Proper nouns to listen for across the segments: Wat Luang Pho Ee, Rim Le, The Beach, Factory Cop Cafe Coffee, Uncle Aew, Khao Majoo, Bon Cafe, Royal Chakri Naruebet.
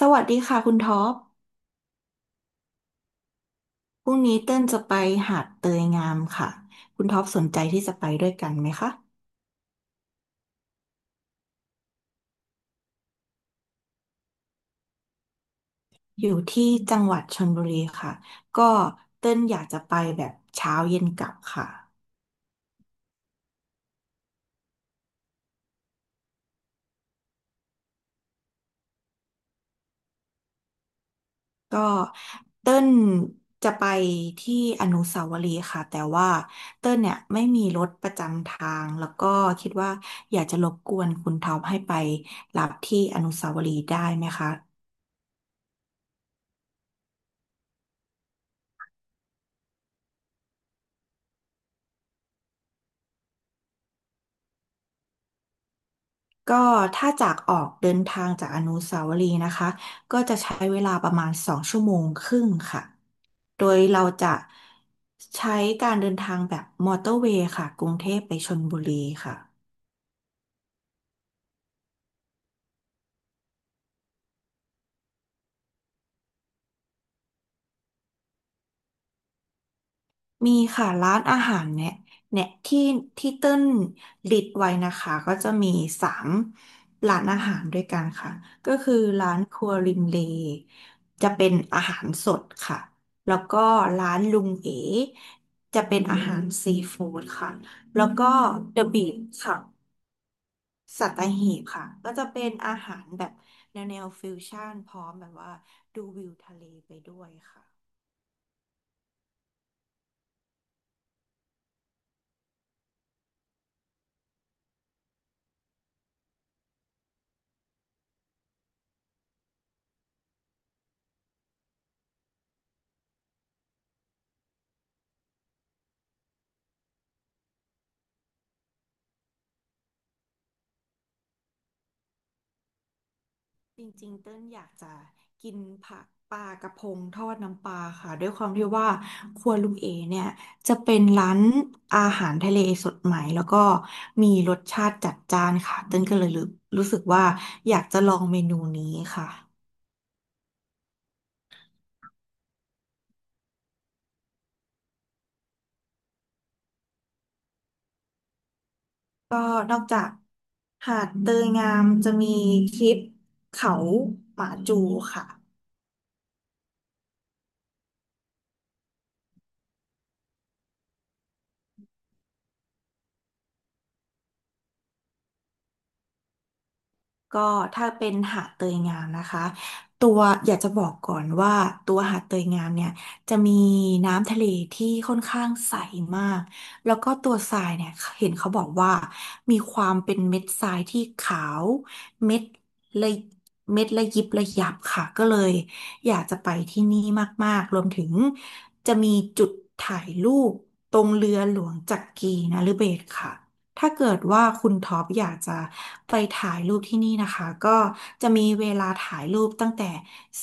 สวัสดีค่ะคุณท็อปพรุ่งนี้เต้นจะไปหาดเตยงามค่ะคุณท็อปสนใจที่จะไปด้วยกันไหมคะ อยู่ที่จังหวัดชลบุรีค่ะ ก็เต้นอยากจะไปแบบเช้าเย็นกลับค่ะ ก็เต้นจะไปที่อนุสาวรีย์ค่ะ แต่ว่าเต้นเนี่ยไม่มีรถประจำทาง แล้วก็คิดว่าอยากจะรบกวนคุณท็อปให้ไปรับที่อนุสาวรีย์ได้ไหมคะ ก็ถ้าจากออกเดินทางจากอนุสาวรีย์นะคะก็จะใช้เวลาประมาณสองชั่วโมงครึ่งค่ะโดยเราจะใช้การเดินทางแบบมอเตอร์เวย์ค่ะกรุงเทพไปชลบุรีค่ะ มีค่ะร้านอาหารเนี่ยเนี่ยที่ที่เต้นลิดไว้นะคะก็จะมีสามร้านอาหารด้วยกันค่ะก็คือร้านครัวริมเลจะเป็นอาหารสดค่ะแล้วก็ร้านลุงเอ๋จะเป็นอาหารซีฟู้ดค่ะแล้วก็เดอะบีชค่ะสัตหีบค่ะก็จะเป็นอาหารแบบแนวแนวฟิวชั่นพร้อมแบบว่าดูวิวทะเลไปด้วยค่ะ จริงๆเต้นอยากจะกินผักปลากระพงทอดน้ำปลาค่ะด้วยความที่ว่าครัวลุงเอเนี่ยจะเป็นร้านอาหารทะเลสดใหม่แล้วก็มีรสชาติจัดจ้านค่ะเต้นก็เลยรู้สึกว่าอยากจะลองเมนูนี้ค่ะก็นอกจากหาดเตยงามจะมีคลิปเขาหมาจูค่ะ ก็ถ้าเป็นหาดเตยงามนะคะตัวอยากจะบอกก่อนว่าตัวหาดเตยงามเนี่ยจะมีน้ำทะเลที่ค่อนข้างใสมากแล้วก็ตัวทรายเนี่ยเห็นเขาบอกว่ามีความเป็นเม็ดทรายที่ขาวเม็ดละเม็ดละยิบละยับค่ะก็เลยอยากจะไปที่นี่มากๆรวมถึงจะมีจุดถ่ายรูปตรงเรือหลวงจักรีนฤเบศรค่ะ ถ้าเกิดว่าคุณท็อปอยากจะไปถ่ายรูปที่นี่นะคะก็จะมีเวลาถ่ายรูปตั้งแต่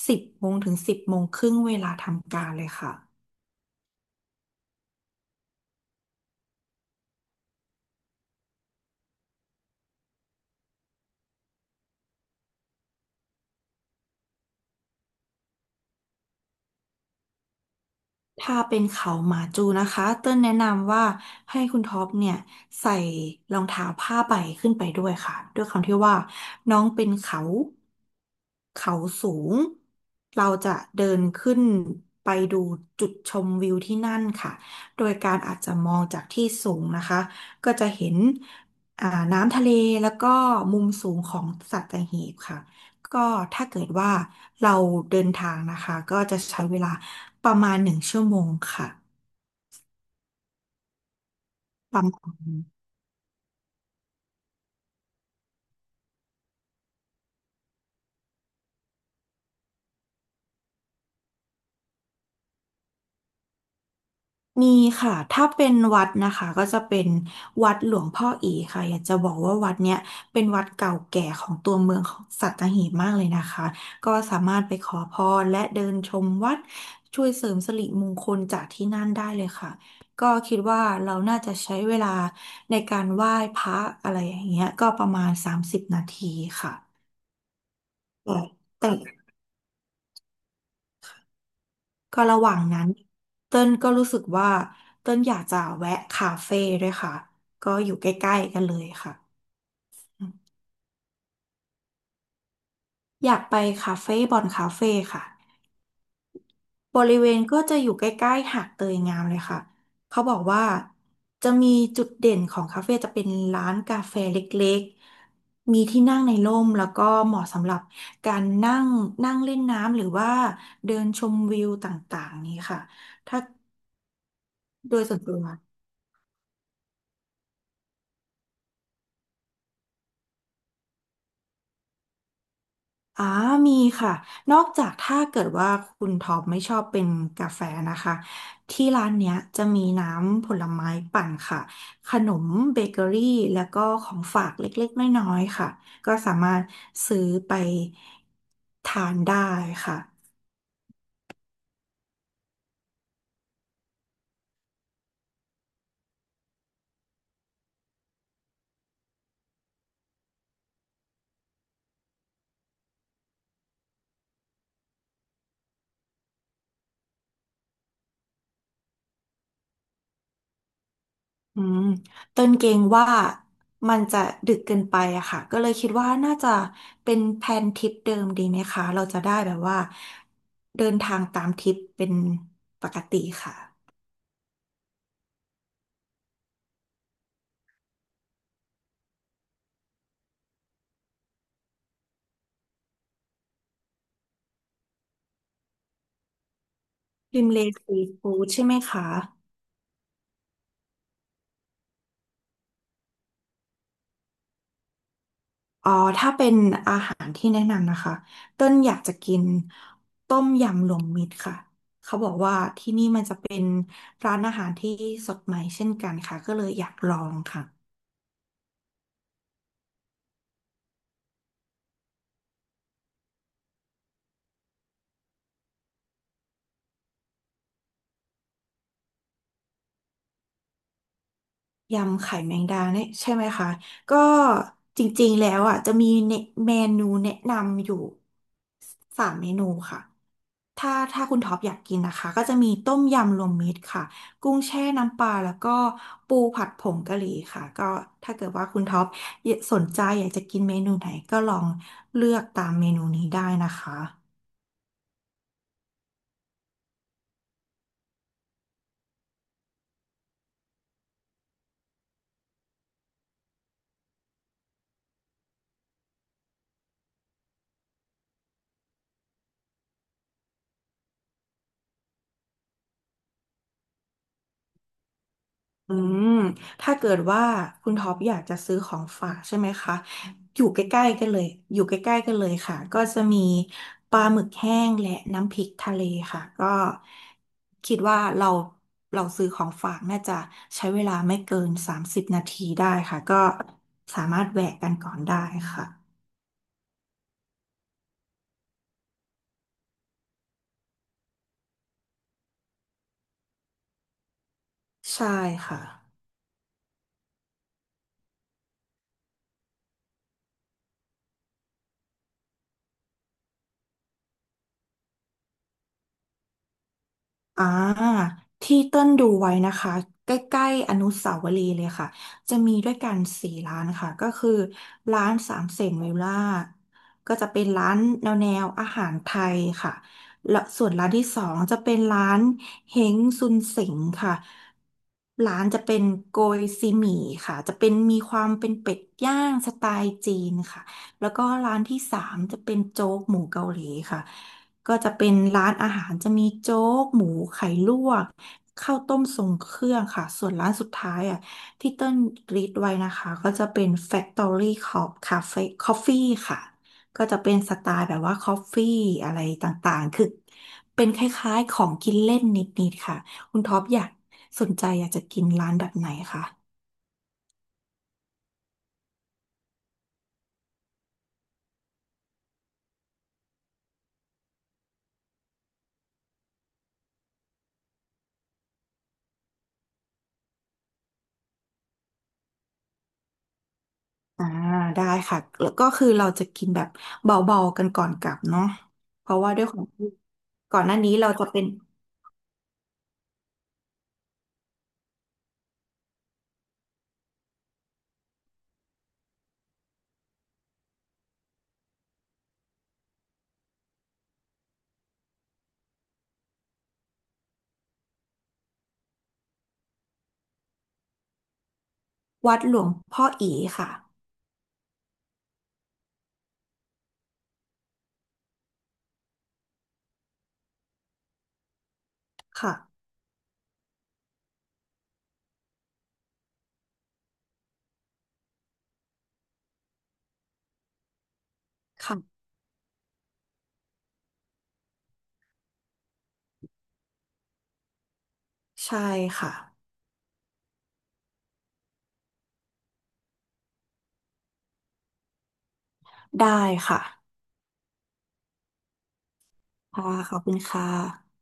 สิบโมงถึงสิบโมงครึ่งเวลาทำการเลยค่ะ ถ้าเป็นเขาหมาจูนะคะ เต้นแนะนำว่าให้คุณท็อปเนี่ยใส่รองเท้าผ้าใบขึ้นไปด้วยค่ะด้วยความที่ว่าน้องเป็นเขาเขาสูงเราจะเดินขึ้นไปดูจุดชมวิวที่นั่นค่ะโดยการอาจจะมองจากที่สูงนะคะก็จะเห็นอ่าน้ำทะเลแล้วก็มุมสูงของสัตหีบค่ะก็ถ้าเกิดว่าเราเดินทางนะคะก็จะใช้เวลา ประมาณหนึ่งชั่วโมงค่ะประมาณนี้มีค่ะ ถ้าเป็นวัดนะคะก็จะเป็นวัดหลวงพ่ออีค่ะอยากจะบอกว่าวัดเนี้ยเป็นวัดเก่าแก่ของตัวเมืองของสัตหีบมากเลยนะคะก็สามารถไปขอพรและเดินชมวัดช่วยเสริมสิริมงคลจากที่นั่นได้เลยค่ะก็คิดว่าเราน่าจะใช้เวลาในการไหว้พระอะไรอย่างเงี้ยก็ประมาณสามสิบนาทีค่ะแต่แต่ ก็ระหว่างนั้นเต้นก็รู้สึกว่าเต้นอยากจะแวะคาเฟ่ด้วยค่ะก็อยู่ใกล้ๆกันเลยค่ะอืมอยากไปคาเฟ่บอนคาเฟ่ค่ะบริเวณก็จะอยู่ใกล้ๆหาดเตยงามเลยค่ะเขาบอกว่าจะมีจุดเด่นของคาเฟ่จะเป็นร้านกาแฟเล็กๆมีที่นั่งในร่มแล้วก็เหมาะสำหรับการนั่งนั่งเล่นน้ำหรือว่าเดินชมวิวต่างๆนี้ค่ะถ้าโดยส่วนตัว อ่ามีค่ะ นอกจากถ้าเกิดว่าคุณท็อปไม่ชอบเป็นกาแฟนะคะ ที่ร้านเนี้ยจะมีน้ำผลไม้ปั่นค่ะ ขนมเบเกอรี่แล้วก็ของฝากเล็กๆน้อยๆค่ะ ก็สามารถซื้อไปทานได้ค่ะอืมเต้นเกรงว่ามันจะดึกเกินไปอะค่ะ ก็เลยคิดว่าน่าจะเป็นแผนทริปเดิมดีไหมคะ เราจะได้แบบว่าเดินทางตามทริปเป็นปกติค่ะ ริมเลซีฟู้ดใช่ไหมคะอ๋อถ้าเป็นอาหารที่แนะนำนะคะต้นอยากจะกินต้มยำรวมมิตรค่ะเขาบอกว่าที่นี่มันจะเป็นร้านอาหารที่สดใหม่เช่นกันค่ะก็เลยอยากลองค่ะ ยำไข่แมงดาเนี่ยใช่ไหมคะก็จริงๆแล้วอ่ะจะมีเมนูแนะนำอยู่สามเมนูค่ะ ถ้าคุณท็อปอยากกินนะคะก็จะมีต้มยำรวมมิตรค่ะกุ้งแช่น้ำปลาแล้วก็ปูผัดผงกะหรี่ค่ะก็ถ้าเกิดว่าคุณท็อปสนใจอยากจะกินเมนูไหนก็ลองเลือกตามเมนูนี้ได้นะคะ อืมถ้าเกิดว่าคุณท็อปอยากจะซื้อของฝากใช่ไหมคะ อยู่ใกล้ๆกันเลยอยู่ใกล้ๆกันเลยค่ะก็จะมีปลาหมึกแห้งและน้ำพริกทะเลค่ะก็คิดว่าเราซื้อของฝากน่าจะใช้เวลาไม่เกิน30นาทีได้ค่ะ ก็สามารถแวะกันก่อนได้ค่ะ ใช่ค่ะ อ่าที่เต้นดูไว้นะคะใกล้ๆอนุสาวรีย์เลยค่ะจะมีด้วยกันสี่ร้านค่ะก็คือร้านสามเสนเวลล่าก็จะเป็นร้านแนวแนวอาหารไทยค่ะและส่วนร้านที่สองจะเป็นร้านเฮงซุนเส็งค่ะร้านจะเป็นโกยซีหมี่ค่ะจะเป็นมีความเป็นเป็ดย่างสไตล์จีนค่ะ แล้วก็ร้านที่สามจะเป็นโจ๊กหมูเกาหลีค่ะ ก็จะเป็นร้านอาหารจะมีโจ๊กหมูไข่ลวกข้าวต้มทรงเครื่องค่ะ ส่วนร้านสุดท้ายอ่ะที่เติ้ลรีดไว้นะคะก็จะเป็น Factory Cop Cafe Coffee ค่ะ ก็จะเป็นสไตล์แบบว่าคอฟฟี่อะไรต่างๆคือเป็นคล้ายๆของกินเล่นนิดๆค่ะคุณท็อปอยากสนใจอยากจะกินร้านแบบไหนคะ อ่าได้ค่ะแล้วก็คือเราจะกินแบบเบาๆกันก่อนกลับเนาะเพราะว่าด้วยของที่ก่อนหน้านี้เราจะเป็นวัดหลวงพ่ออีค่ะค่ะค่ะใช่ค่ะได้ค่ะค่ะขอบคุณค่ะ